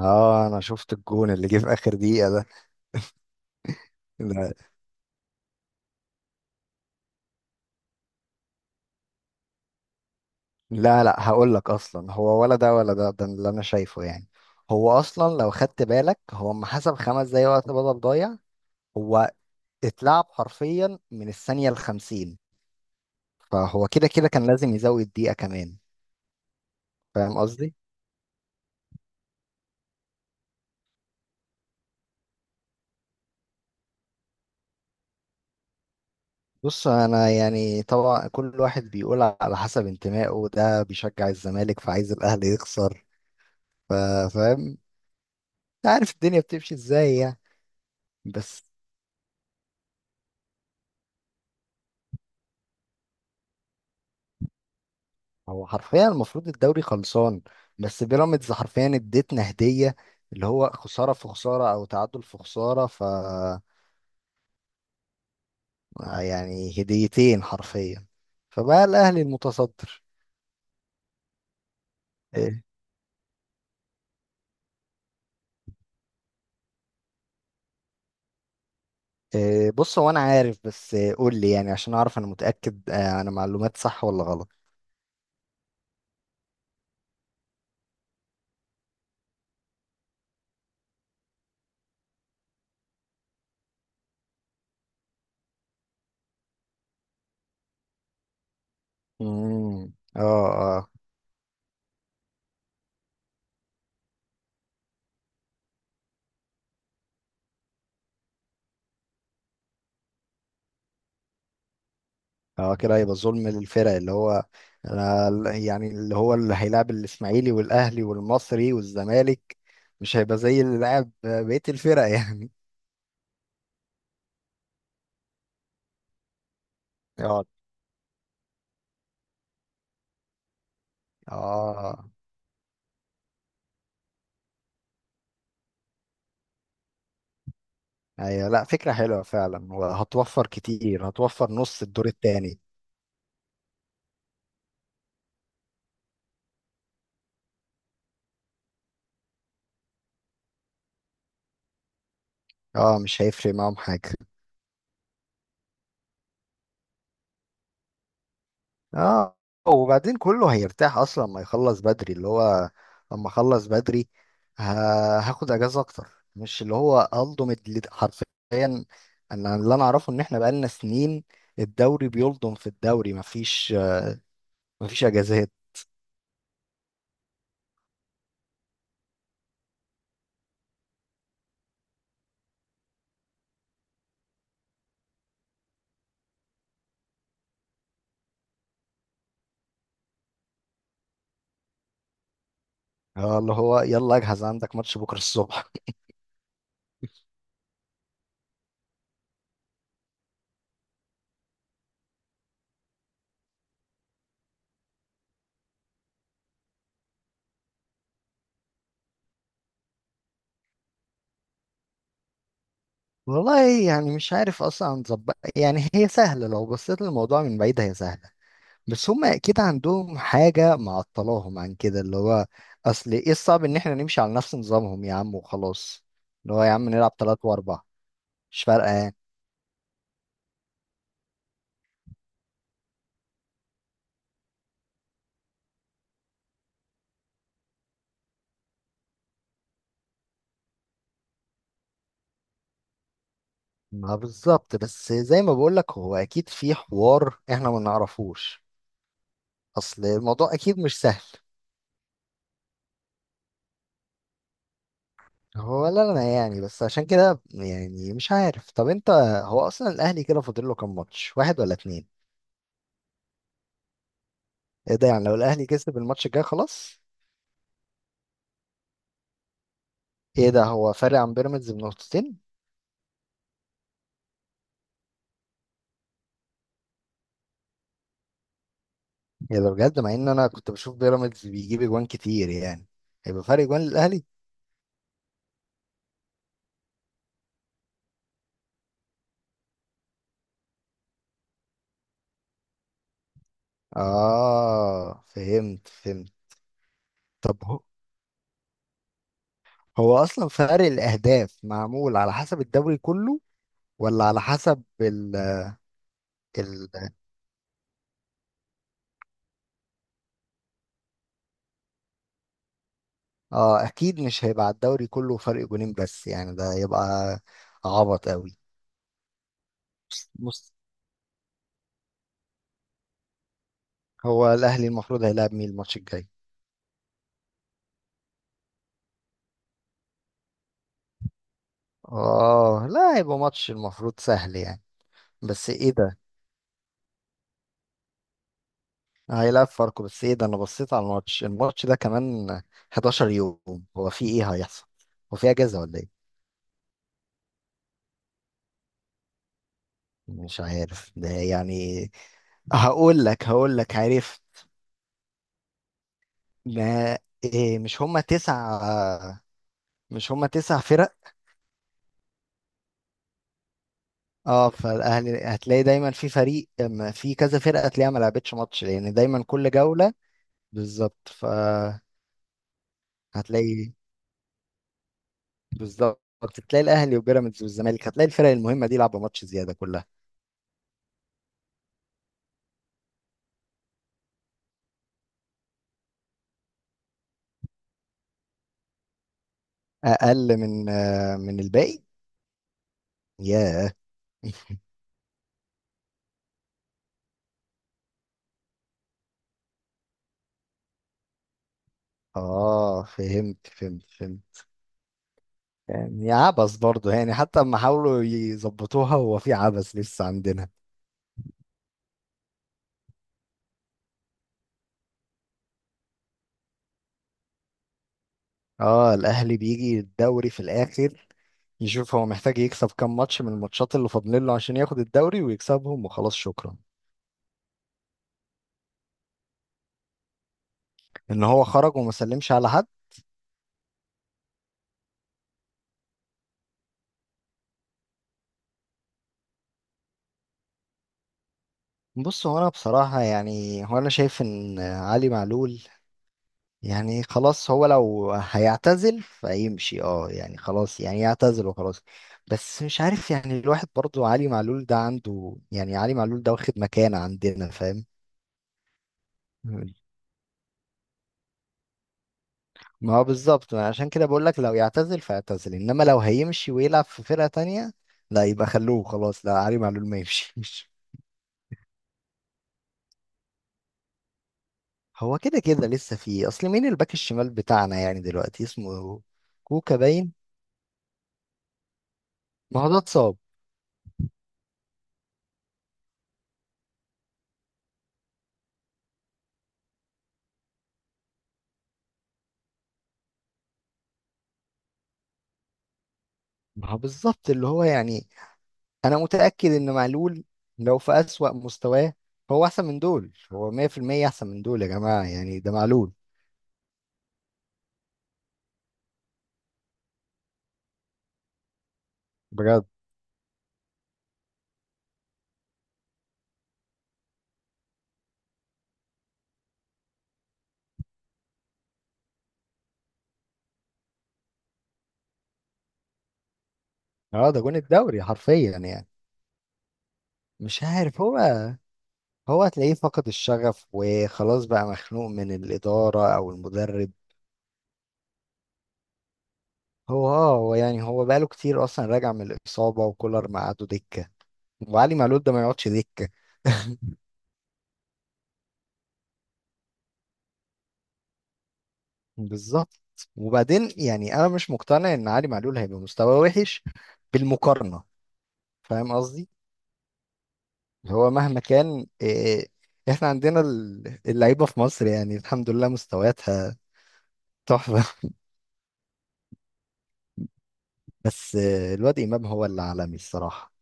اه انا شفت الجون اللي جه في اخر دقيقة ده. ده- لا لا، هقول لك اصلا، هو ولا ده ولا ده، ده اللي انا شايفه يعني. هو اصلا لو خدت بالك، هو اما حسب خمس دقايق وقت بدل ضايع. هو اتلعب حرفيا من الثانية الخمسين، فهو كده كده كان لازم يزود دقيقة كمان. فاهم قصدي؟ بص، انا يعني طبعا كل واحد بيقول على حسب انتمائه، ده بيشجع الزمالك فعايز الاهلي يخسر. ف- فاهم؟ أنت عارف الدنيا بتمشي ازاي يعني. بس هو حرفيا المفروض الدوري خلصان، بس بيراميدز حرفيا اديتنا هدية، اللي هو خسارة في خسارة أو تعادل في خسارة، ف يعني هديتين حرفيا. فبقى الأهلي المتصدر. إيه. إيه، بص هو أنا عارف، بس إيه، قول لي يعني عشان أعرف أنا متأكد، أنا معلومات صح ولا غلط. اه. اه كده هيبقى ظلم للفرق، اللي هو انا يعني، اللي هو اللي هيلعب الاسماعيلي والاهلي والمصري والزمالك، مش هيبقى زي اللي لعب بقية الفرق يعني. اه. اه ايوه، لا فكرة حلوة فعلا، وهتوفر كتير، هتوفر نص الدور التاني. اه مش هيفرق معاهم حاجة. اه، وبعدين كله هيرتاح اصلا لما يخلص بدري، اللي هو لما اخلص بدري، ه- هاخد اجازه اكتر. مش اللي هو الضم حرفيا. انا اللي انا اعرفه ان احنا بقالنا سنين، الدوري بيلضم في الدوري، مفيش مفيش اجازات. اه، اللي هو يلا اجهز عندك ماتش بكره الصبح. والله يعني مش عارف اصلا نظبط، يعني هي سهله لو بصيت للموضوع من بعيد، هي سهله، بس هم اكيد عندهم حاجة معطلاهم عن كده. اللي هو اصل ايه الصعب ان احنا نمشي على نفس نظامهم يا عم، وخلاص. اللي هو يا عم نلعب تلات واربع، مش فارقة يعني. ما بالظبط، بس زي ما بقولك هو اكيد في حوار احنا ما نعرفوش، اصل الموضوع اكيد مش سهل. هو ولا انا يعني، بس عشان كده يعني، مش عارف. طب انت، هو اصلا الاهلي كده فاضل له كام ماتش، واحد ولا اتنين؟ ايه ده؟ يعني لو الاهلي كسب الماتش الجاي خلاص. ايه ده؟ هو فارق عن بيراميدز بنقطتين. يا ده بجد، مع ان انا كنت بشوف بيراميدز بيجيب اجوان كتير يعني. هيبقى فرق اجوان للاهلي. اه فهمت فهمت. طب هو، هو اصلا فرق الاهداف معمول على حسب الدوري كله، ولا على حسب ال ال اه اكيد مش هيبقى على الدوري كله فرق جونين بس يعني، ده هيبقى عبط قوي. بص، هو الاهلي المفروض هيلعب مين الماتش الجاي؟ اه لا، هيبقى ماتش المفروض سهل يعني. بس ايه ده؟ هيلاعب فاركو، بس ايه ده، انا بصيت على الماتش، الماتش ده كمان 11 يوم. هو في ايه هيحصل؟ هو في اجازة ولا ايه؟ مش عارف ده يعني. هقول لك عارف. ما إيه، مش هما تسع فرق؟ اه، فالاهلي هتلاقي دايما في فريق، أما في كذا فرقة هتلاقيها ما لعبتش ماتش، لان دايما كل جولة بالظبط فهتلاقي. بالظبط هتلاقي الاهلي وبيراميدز والزمالك، هتلاقي الفرق المهمة دي لعبوا ماتش زيادة كلها. اقل من من الباقي. ياه. اه فهمت فهمت فهمت. يعني عبث برضه يعني، حتى اما حاولوا يظبطوها هو في عبث لسه عندنا. اه الاهلي بيجي الدوري في الاخر، يشوف هو محتاج يكسب كام ماتش من الماتشات اللي فاضلين له عشان ياخد الدوري، ويكسبهم وخلاص، شكرا. ان هو خرج وما سلمش على حد. بص، هو انا بصراحة يعني هو انا شايف ان علي معلول، يعني خلاص هو لو هيعتزل فيمشي، اه يعني خلاص يعني يعتزل وخلاص. بس مش عارف يعني، الواحد برضو علي معلول ده عنده يعني، علي معلول ده واخد مكانة عندنا، فاهم؟ ما هو بالظبط، ما عشان كده بقول لك، لو يعتزل فيعتزل، انما لو هيمشي ويلعب في فرقة تانية لا، يبقى خلوه خلاص، لا علي معلول ما يمشيش. هو كده كده لسه فيه، اصل مين الباك الشمال بتاعنا يعني دلوقتي؟ اسمه كوكا باين. ما هو ده اتصاب. ما هو بالظبط، اللي هو يعني انا متاكد ان معلول لو في اسوأ مستواه هو احسن من دول، هو 100% احسن من دول يا جماعه، يعني ده معلول. بجد. اه ده جون الدوري حرفيا يعني. مش عارف هو، هتلاقيه فقد الشغف وخلاص، بقى مخنوق من الاداره او المدرب. هو يعني هو بقاله كتير اصلا راجع من الاصابه، وكولر مقعده دكه، وعلي معلول ده ما يقعدش دكه. بالظبط. وبعدين يعني انا مش مقتنع ان علي معلول هيبقى مستواه وحش بالمقارنه، فاهم قصدي؟ هو مهما كان إيه، احنا عندنا اللعيبه في مصر يعني، الحمد لله مستوياتها تحفه. بس الواد امام هو اللي عالمي الصراحه.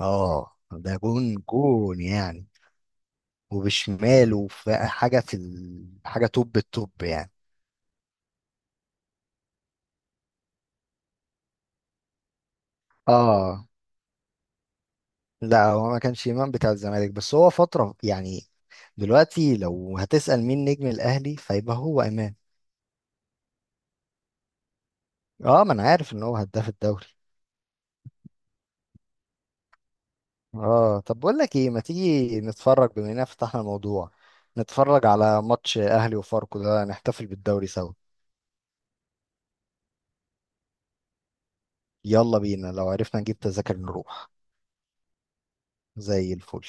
اه ده جون جون يعني. وبشماله، وفي حاجه في حاجه توب التوب يعني. اه لا، هو ما كانش امام بتاع الزمالك، بس هو فتره يعني. دلوقتي لو هتسال مين نجم الاهلي فيبقى هو امام. اه، ما انا عارف ان هو هداف الدوري. اه، طب بقول لك ايه، ما تيجي نتفرج، بما اننا فتحنا الموضوع، نتفرج على ماتش اهلي وفاركو ده، نحتفل بالدوري سوا. يلا بينا، لو عرفنا نجيب تذاكر نروح. زي الفل.